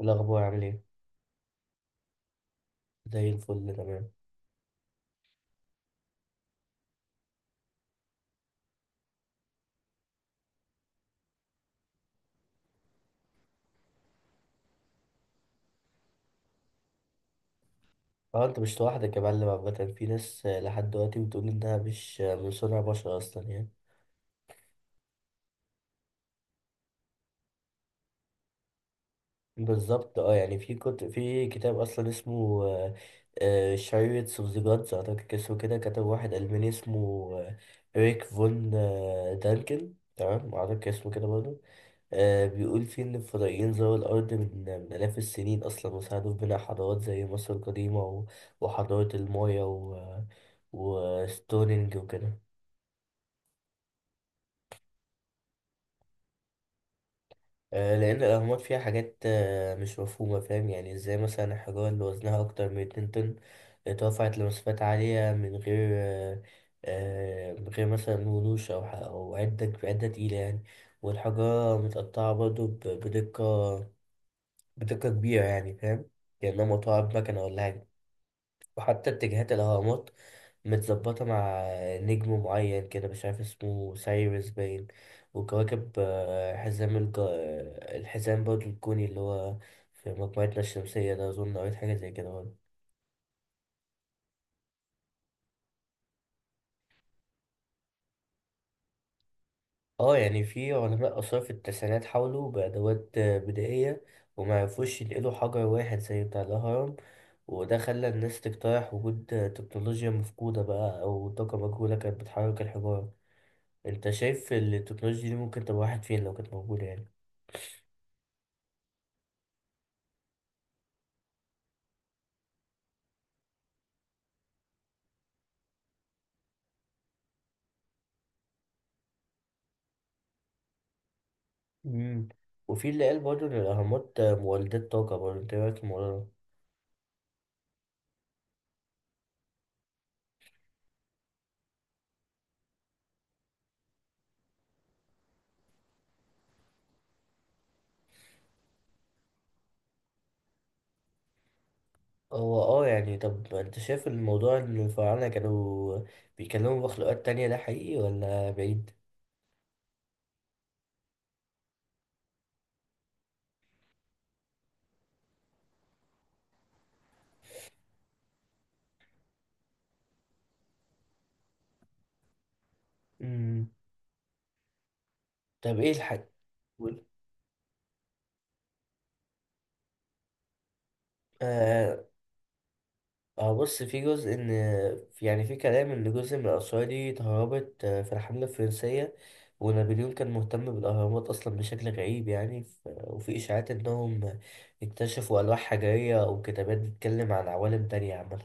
الأخبار عامل إيه؟ زي الفل تمام. أه أنت مش لوحدك يا معلم. عامة في ناس لحد دلوقتي بتقول إنها مش من صنع بشر أصلا يعني. بالظبط أه يعني في كتاب أصلا اسمه شريرة اوف ذا جادز أعتقد اسمه كده. كتب واحد ألماني اسمه آه، ريك فون دانكن تمام أعتقد اسمه كده برضه. بيقول فيه إن الفضائيين زاروا الأرض من آلاف السنين أصلا وساعدوا في بناء حضارات زي مصر القديمة و- وحضارة المايا و... وستونينج وكده. لأن الأهرامات فيها حاجات مش مفهومة فاهم. يعني إزاي مثلا الحجارة اللي وزنها أكتر من اتنين طن اترفعت لمسافات عالية من غير مثلا ونوش أو عدة تقيلة يعني. والحجارة متقطعة برضه بدقة كبيرة يعني فاهم. كأنها مقطوعة بمكنة ولا حاجة. وحتى اتجاهات الهرمات متظبطة مع نجم معين كده مش عارف اسمه سايرس باين. وكواكب آه، حزام الج... آه، الحزام برضه الكوني اللي هو في مجموعتنا الشمسية ده. أظن قريت حاجة زي كده برضه. اه يعني في علماء آثار في التسعينات حاولوا بأدوات بدائية. ومعرفوش ينقلوا حجر واحد زي بتاع الهرم. وده خلى الناس تقترح وجود تكنولوجيا مفقودة بقى أو طاقة مجهولة كانت بتحرك الحجارة. انت شايف التكنولوجيا دي ممكن تبقى واحد فين لو كانت موجودة يعني؟ مم. وفي اللي قال برضه ان الاهرامات مولدات طاقة برضه. انت إيه رايك في الموضوع ده؟ هو اه يعني طب انت شايف الموضوع ان الفراعنة كانوا بيكلموا مخلوقات تانية ده حقيقي ولا بعيد؟ مم. طب ايه الحق. قول. اه بص في جزء ان يعني في كلام ان جزء من الاسرار دي اتهربت في الحمله الفرنسيه. ونابليون كان مهتم بالاهرامات اصلا بشكل غريب يعني وفي اشاعات انهم اكتشفوا الواح حجريه او كتابات بتتكلم عن عوالم تانية عامه.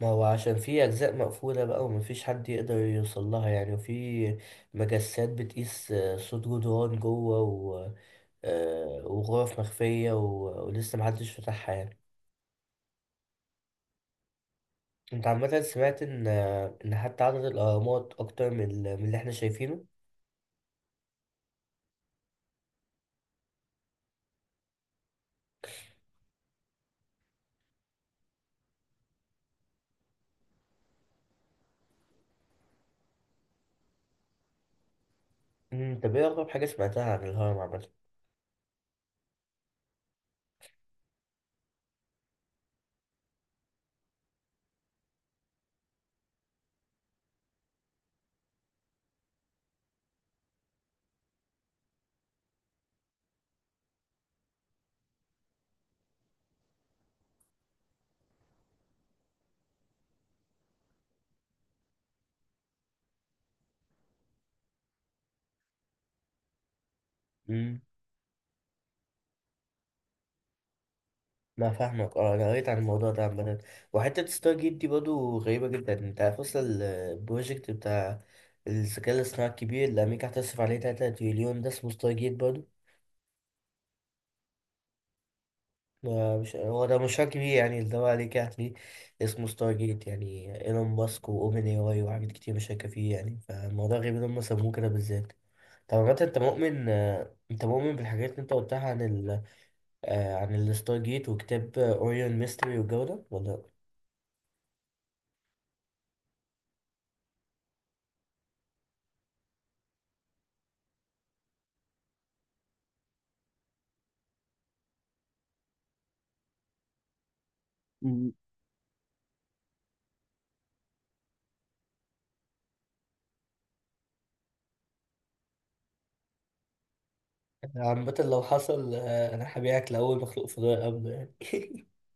ما هو عشان في اجزاء مقفوله بقى ومفيش حد يقدر يوصل لها يعني. وفي مجسات بتقيس صوت جدران جوه وغرف مخفيه ولسه محدش فتحها يعني. انت عامة سمعت ان حتى عدد الاهرامات اكتر من من اللي احنا شايفينه. طب ايه اغرب حاجة سمعتها عن الهرم عامة؟ مم. لا فاهمك. اه انا قريت عن الموضوع ده عامة. وحتة ستار جيت دي برضه غريبة جدا. انت عارف اصلا البروجكت بتاع الذكاء الاصطناعي الكبير اللي امريكا هتصرف عليه 3 تريليون ده اسمه ستار جيت برضه. مش هو ده مشروع كبير يعني. اللي هو عليك هتلاقيه اسمه ستار جيت. يعني ايلون ماسك واوبن اي واي وحاجات كتير مشاركة فيه يعني. فالموضوع غريب ان هم سموه كده بالذات. طب بجد انت مؤمن بالحاجات اللي انت قلتها عن ال آه، عن الستار جيت وكتاب اوريون ميستري والجو ده ولا لأ؟ مم. عامة لو حصل انا هبيعك لأول مخلوق فضائي قبله يعني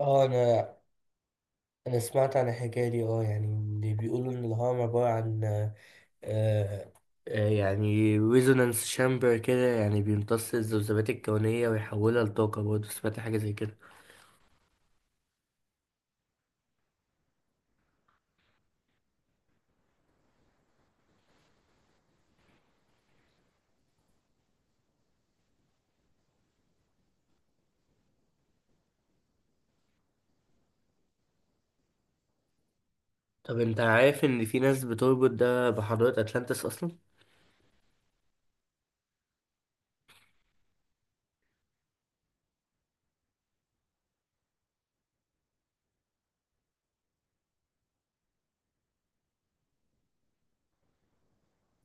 اه انا سمعت عن الحكاية دي. اه يعني اللي بيقولوا ان الهرم عبارة عن آه، يعني ريزونانس شامبر كده. يعني بيمتص الذبذبات الكونية ويحولها لطاقة برضه. سمعت حاجة زي كده. طب انت عارف ان في ناس بتربط ده بحضارة اتلانتس اصلا؟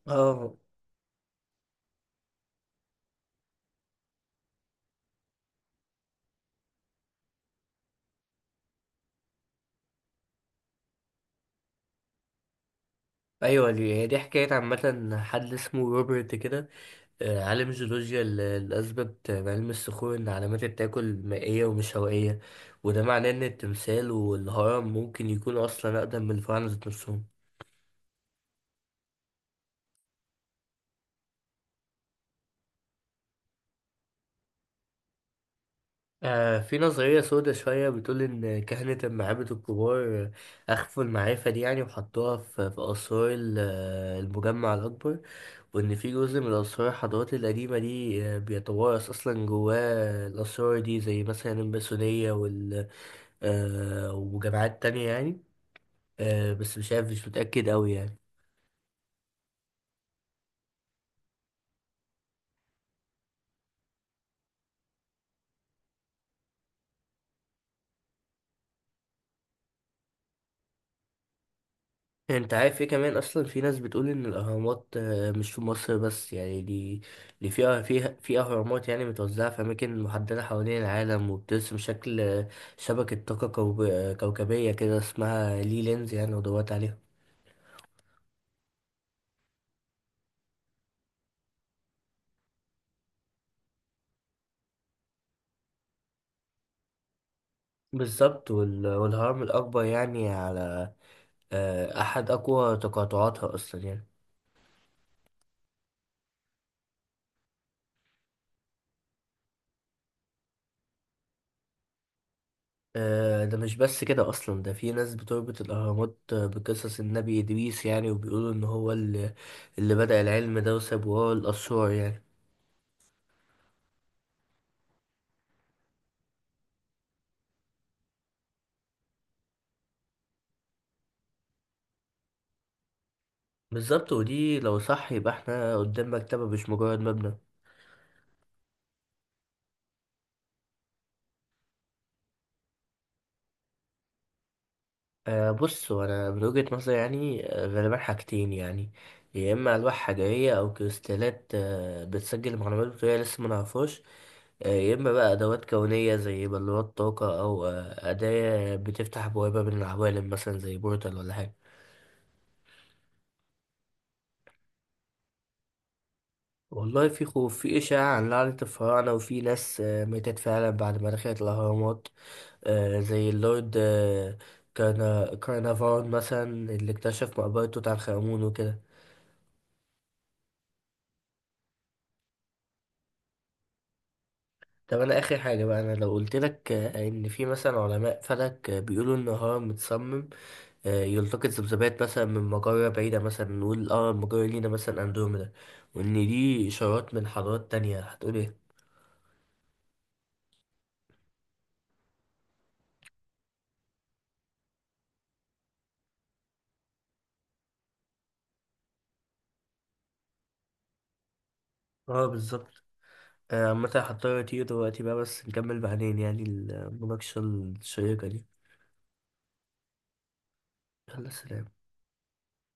اه ايوه. دي هي دي حكايه عامه. حد اسمه روبرت كده عالم جيولوجيا اللي اثبت بعلم الصخور ان علامات التاكل مائيه ومش هوائيه. وده معناه ان التمثال والهرم ممكن يكونوا اصلا اقدم من الفراعنه ذات نفسهم. في نظريه سودة شويه بتقول ان كهنه المعابد الكبار اخفوا المعرفه دي يعني. وحطوها في اسرار المجمع الاكبر. وإن في جزء من الأسرار الحضارات القديمة دي بيتوارث أصلا جواه الأسرار دي زي مثلا الماسونية وال آه، وجماعات تانية يعني. بس مش عارف مش متأكد أوي يعني. أنت عارف إيه كمان أصلا. في ناس بتقول إن الأهرامات مش في مصر بس يعني. دي فيها في أهرامات يعني متوزعة في أماكن محددة حوالين العالم وبترسم شكل شبكة طاقة كوكبية كده اسمها لي لينز يعني. ودورت عليها. بالظبط والهرم الأكبر يعني على أحد أقوى تقاطعاتها أصلا يعني. ده مش بس كده أصلا. ده في ناس بتربط الأهرامات بقصص النبي إدريس يعني. وبيقولوا إن هو اللي بدأ العلم ده وساب وراه الأسرار يعني. بالظبط. ودي لو صح يبقى احنا قدام مكتبة مش مجرد مبنى. بص أنا من وجهة نظري يعني غالبا حاجتين يعني. يا إما ألواح حجرية أو كريستالات بتسجل معلومات بطريقة لسه ما نعرفهاش. يا إما بقى أدوات كونية زي بلورات طاقة أو أداة بتفتح بوابة بين العوالم مثلا زي بورتال ولا حاجة. والله في خوف. في إشاعة عن لعنة الفراعنة وفي ناس ماتت فعلا بعد ما دخلت الأهرامات زي اللورد كارنافون مثلا اللي اكتشف مقبرة توت عنخ آمون وكده. طب أنا آخر حاجة بقى. أنا لو قلت لك إن في مثلا علماء فلك بيقولوا إن الهرم متصمم يلتقط ذبذبات مثلا من مجرة بعيدة مثلا. نقول المجرة لينا مثلا أندروميدا. وإن دي إشارات من حضارات تانية هتقول ايه؟ اه بالظبط. عامة هضطر أطير دلوقتي بقى بس نكمل بعدين يعني المناقشة الشيقة دي. يلا سلام.